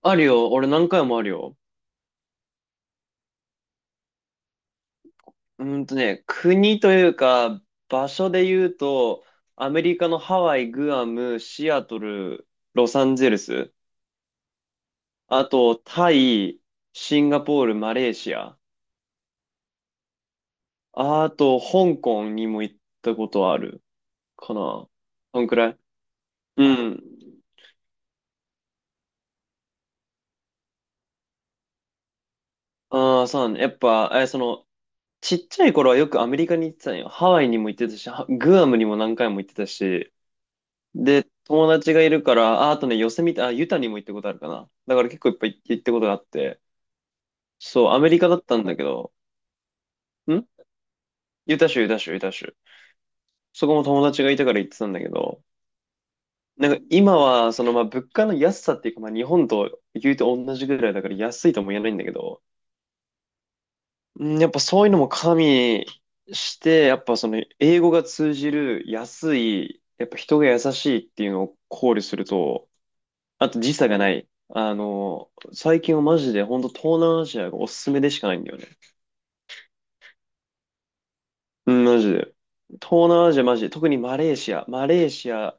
あるよ。俺何回もあるよ。国というか、場所で言うと、アメリカのハワイ、グアム、シアトル、ロサンゼルス、あと、タイ、シンガポール、マレーシア、あと、香港にも行ったことあるかな。そんくらい。うん。ああ、そうね。やっぱ、え、その、ちっちゃい頃はよくアメリカに行ってたんよ。ハワイにも行ってたし、グアムにも何回も行ってたし、で、友達がいるから、あ、あとね、ヨセミテ、あ、ユタにも行ったことあるかな。だから結構いっぱい行ったことがあって、そう、アメリカだったんだけど、んユタ州、ユタ州、ユタ州。そこも友達がいたから行ってたんだけど、なんか今は、まあ、物価の安さっていうか、まあ、日本と言うと同じぐらいだから安いとも言えないんだけど、うん、やっぱそういうのも加味して、やっぱ英語が通じる、安い、やっぱ人が優しいっていうのを考慮すると、あと時差がない。最近はマジで、本当東南アジアがおすすめでしかないんだよね。うん、マジで。東南アジアマジで、特にマレーシア、マレーシア、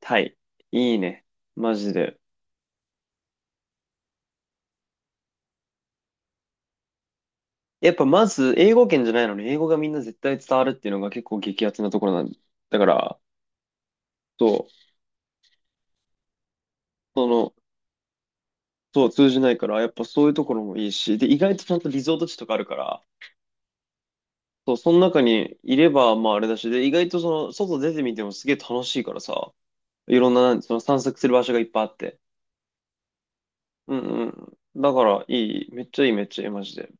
タイ。いいね。マジで。やっぱまず、英語圏じゃないのに、英語がみんな絶対伝わるっていうのが結構激アツなところなんだ。だから、そう、その、そう、通じないから、やっぱそういうところもいいし、で、意外とちゃんとリゾート地とかあるから、そう、その中にいれば、まああれだし、で、意外と外出てみてもすげえ楽しいからさ、いろんな、その散策する場所がいっぱいあって。うんうん。だから、いい。めっちゃいい、めっちゃいい、マジで。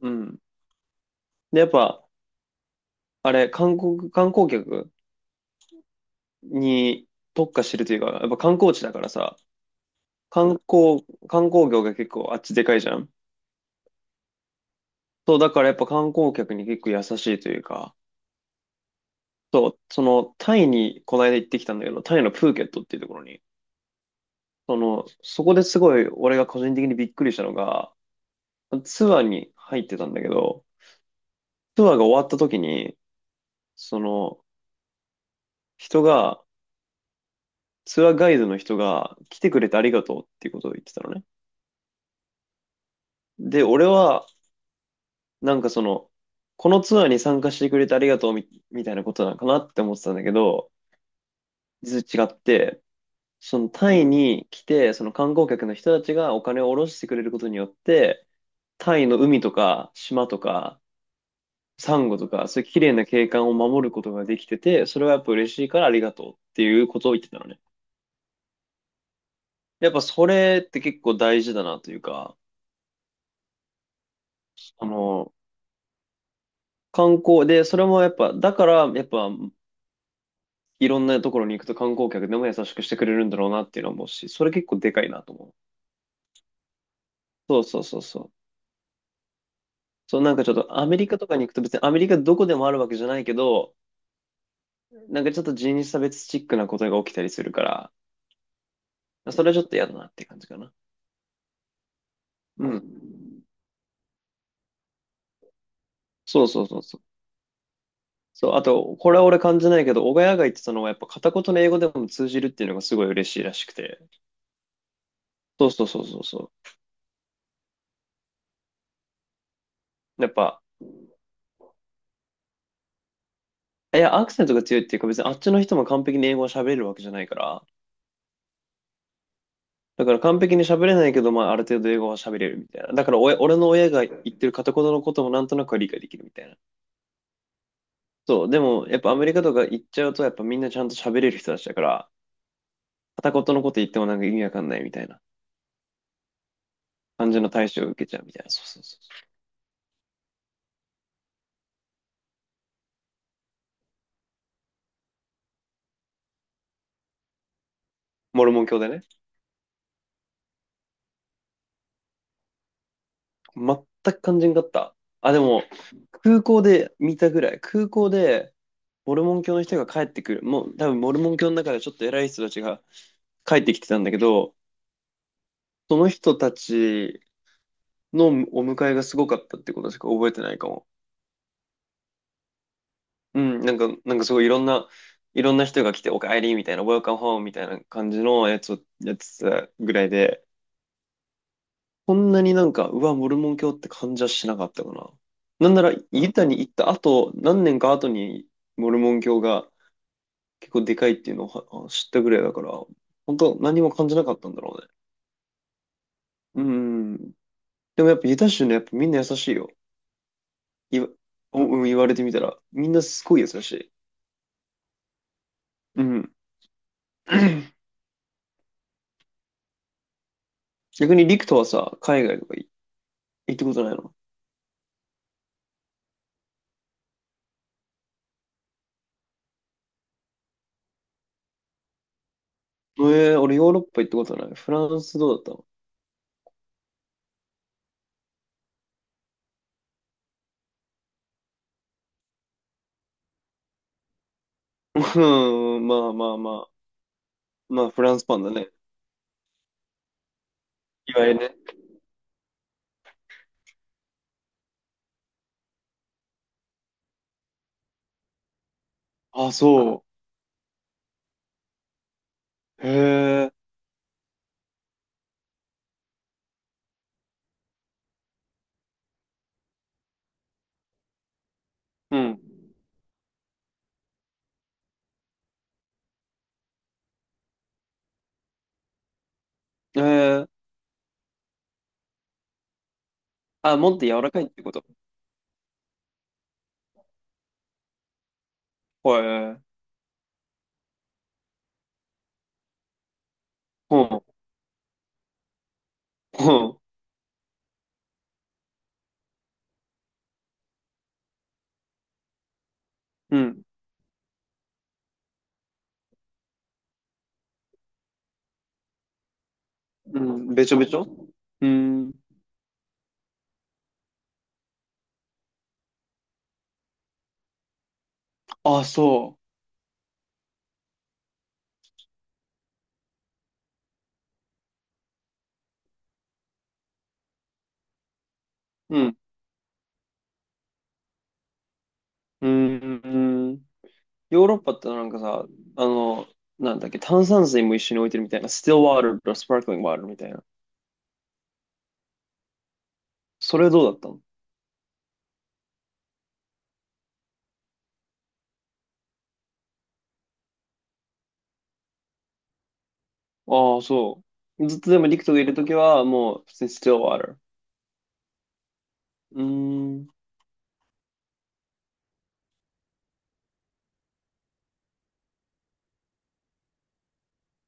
うん。で、やっぱ、あれ、観光、観光客に特化してるというか、やっぱ観光地だからさ、観光業が結構あっちでかいじゃん。そう、だからやっぱ観光客に結構優しいというか、そう、タイにこの間行ってきたんだけど、タイのプーケットっていうところに、そこですごい俺が個人的にびっくりしたのが、ツアーに入ってたんだけど、ツアーが終わった時に、その、人が、ツアーガイドの人が来てくれてありがとうっていうことを言ってたのね。で、俺は、なんかその、このツアーに参加してくれてありがとうみ、みたいなことなのかなって思ってたんだけど、実は違って、そのタイに来て、その観光客の人たちがお金を下ろしてくれることによって、タイの海とか島とかサンゴとか、そういう綺麗な景観を守ることができてて、それはやっぱ嬉しいからありがとうっていうことを言ってたのね。やっぱそれって結構大事だなというか、あの、観光で、それもやっぱ、だから、やっぱ、いろんなところに行くと観光客でも優しくしてくれるんだろうなっていうのは思うし、それ結構でかいなと思う。そうそうそうそう。そう、なんかちょっとアメリカとかに行くと別にアメリカどこでもあるわけじゃないけど、なんかちょっと人種差別チックなことが起きたりするから、それはちょっと嫌だなって感じかな。うん。そうそうそうそう。そう、あと、これは俺感じないけど、小谷が言ってたのはやっぱ片言の英語でも通じるっていうのがすごい嬉しいらしくて。そうそうそうそうそう。やっぱ、いや、アクセントが強いっていうか、別にあっちの人も完璧に英語を喋れるわけじゃないから、だから完璧に喋れないけど、まあ、ある程度英語は喋れるみたいな。だから俺の親が言ってる片言のこともなんとなくは理解できるみたいな。そう、でも、やっぱアメリカとか行っちゃうと、やっぱみんなちゃんと喋れる人たちだから、片言のこと言ってもなんか意味わかんないみたいな感じの対処を受けちゃうみたいな。そうそうそうそう。モルモン教でね。全く肝心だった。あ、でも、空港で見たぐらい。空港で、モルモン教の人が帰ってくる。もう、多分モルモン教の中でちょっと偉い人たちが帰ってきてたんだけど、その人たちのお迎えがすごかったってことしか覚えてないかも。うん、なんか、すごいいろんな人が来て、おかえりみたいな、ウェルカム m home みたいな感じのやつをやってたぐらいで、こんなになんか、うわ、モルモン教って感じはしなかったかな。なんなら、ユタに行った後、何年か後に、モルモン教が結構でかいっていうのをは知ったぐらいだから、本当何も感じなかったんだろうね。うん。でもやっぱユタ州ね、やっぱみんな優しいよ。言わ、うん、言われてみたら、みんなすごい優しい。うん。逆にリクトはさ、海外とか行ったことないの？俺ヨーロッパ行ったことない。フランスどうだったの？ うん、まあまあまあ。まあ、フランスパンだね。いわゆるね。あ、そう。へえ。うん。へえ。あ、もっと柔らかいってこと？ほえ。ほう。ほう。うん。うん。べちょべちょ。うん。あ、そう。うん。うん。ヨーロッパってなんかさ、あの、なんだっけ、炭酸水も一緒に置いてるみたいな、スティルワールとスパークリングワールみたいな。それどうだったの？ああ、そう。ずっとでも陸クトがいるときは、もう、普通にスティルワール。うーん、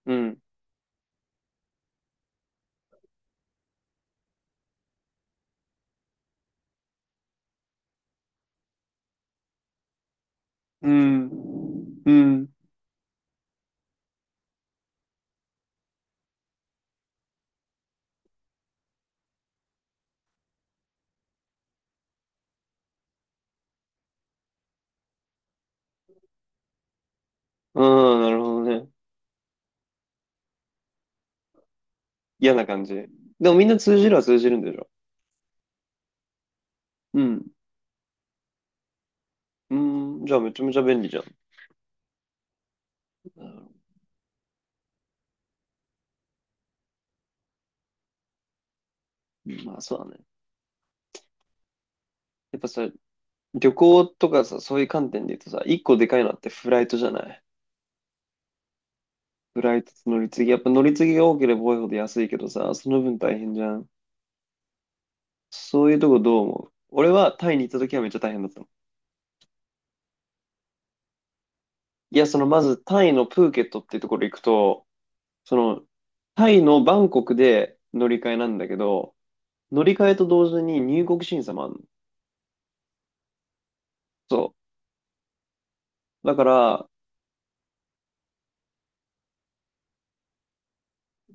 うん、うん、うん、うん、なるほどね。嫌な感じ。でもみんな通じるは通じるんでしょ？うん、うん、じゃあめちゃめちゃ便利じゃん。うん、まあそうだね。やっぱさ、旅行とかさ、そういう観点で言うとさ、一個でかいのってフライトじゃない？フライトと乗り継ぎ。やっぱ乗り継ぎが多ければ多いほど安いけどさ、その分大変じゃん。そういうとこどう思う？俺はタイに行った時はめっちゃ大変だったの。いや、まずタイのプーケットっていうところ行くと、そのタイのバンコクで乗り換えなんだけど、乗り換えと同時に入国審査もあるの。そう。だから、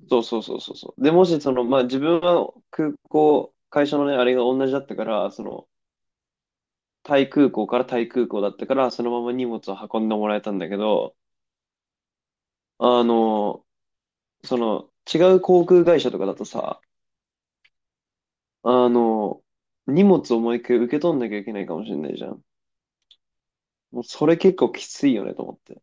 そうそうそうそうそう。で、もしまあ自分は空港、会社のね、あれが同じだったから、タイ空港からタイ空港だったから、そのまま荷物を運んでもらえたんだけど、あの違う航空会社とかだとさ、あの、荷物をもう一回受け取んなきゃいけないかもしれないじゃん。もうそれ結構きついよねと思って。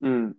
うん。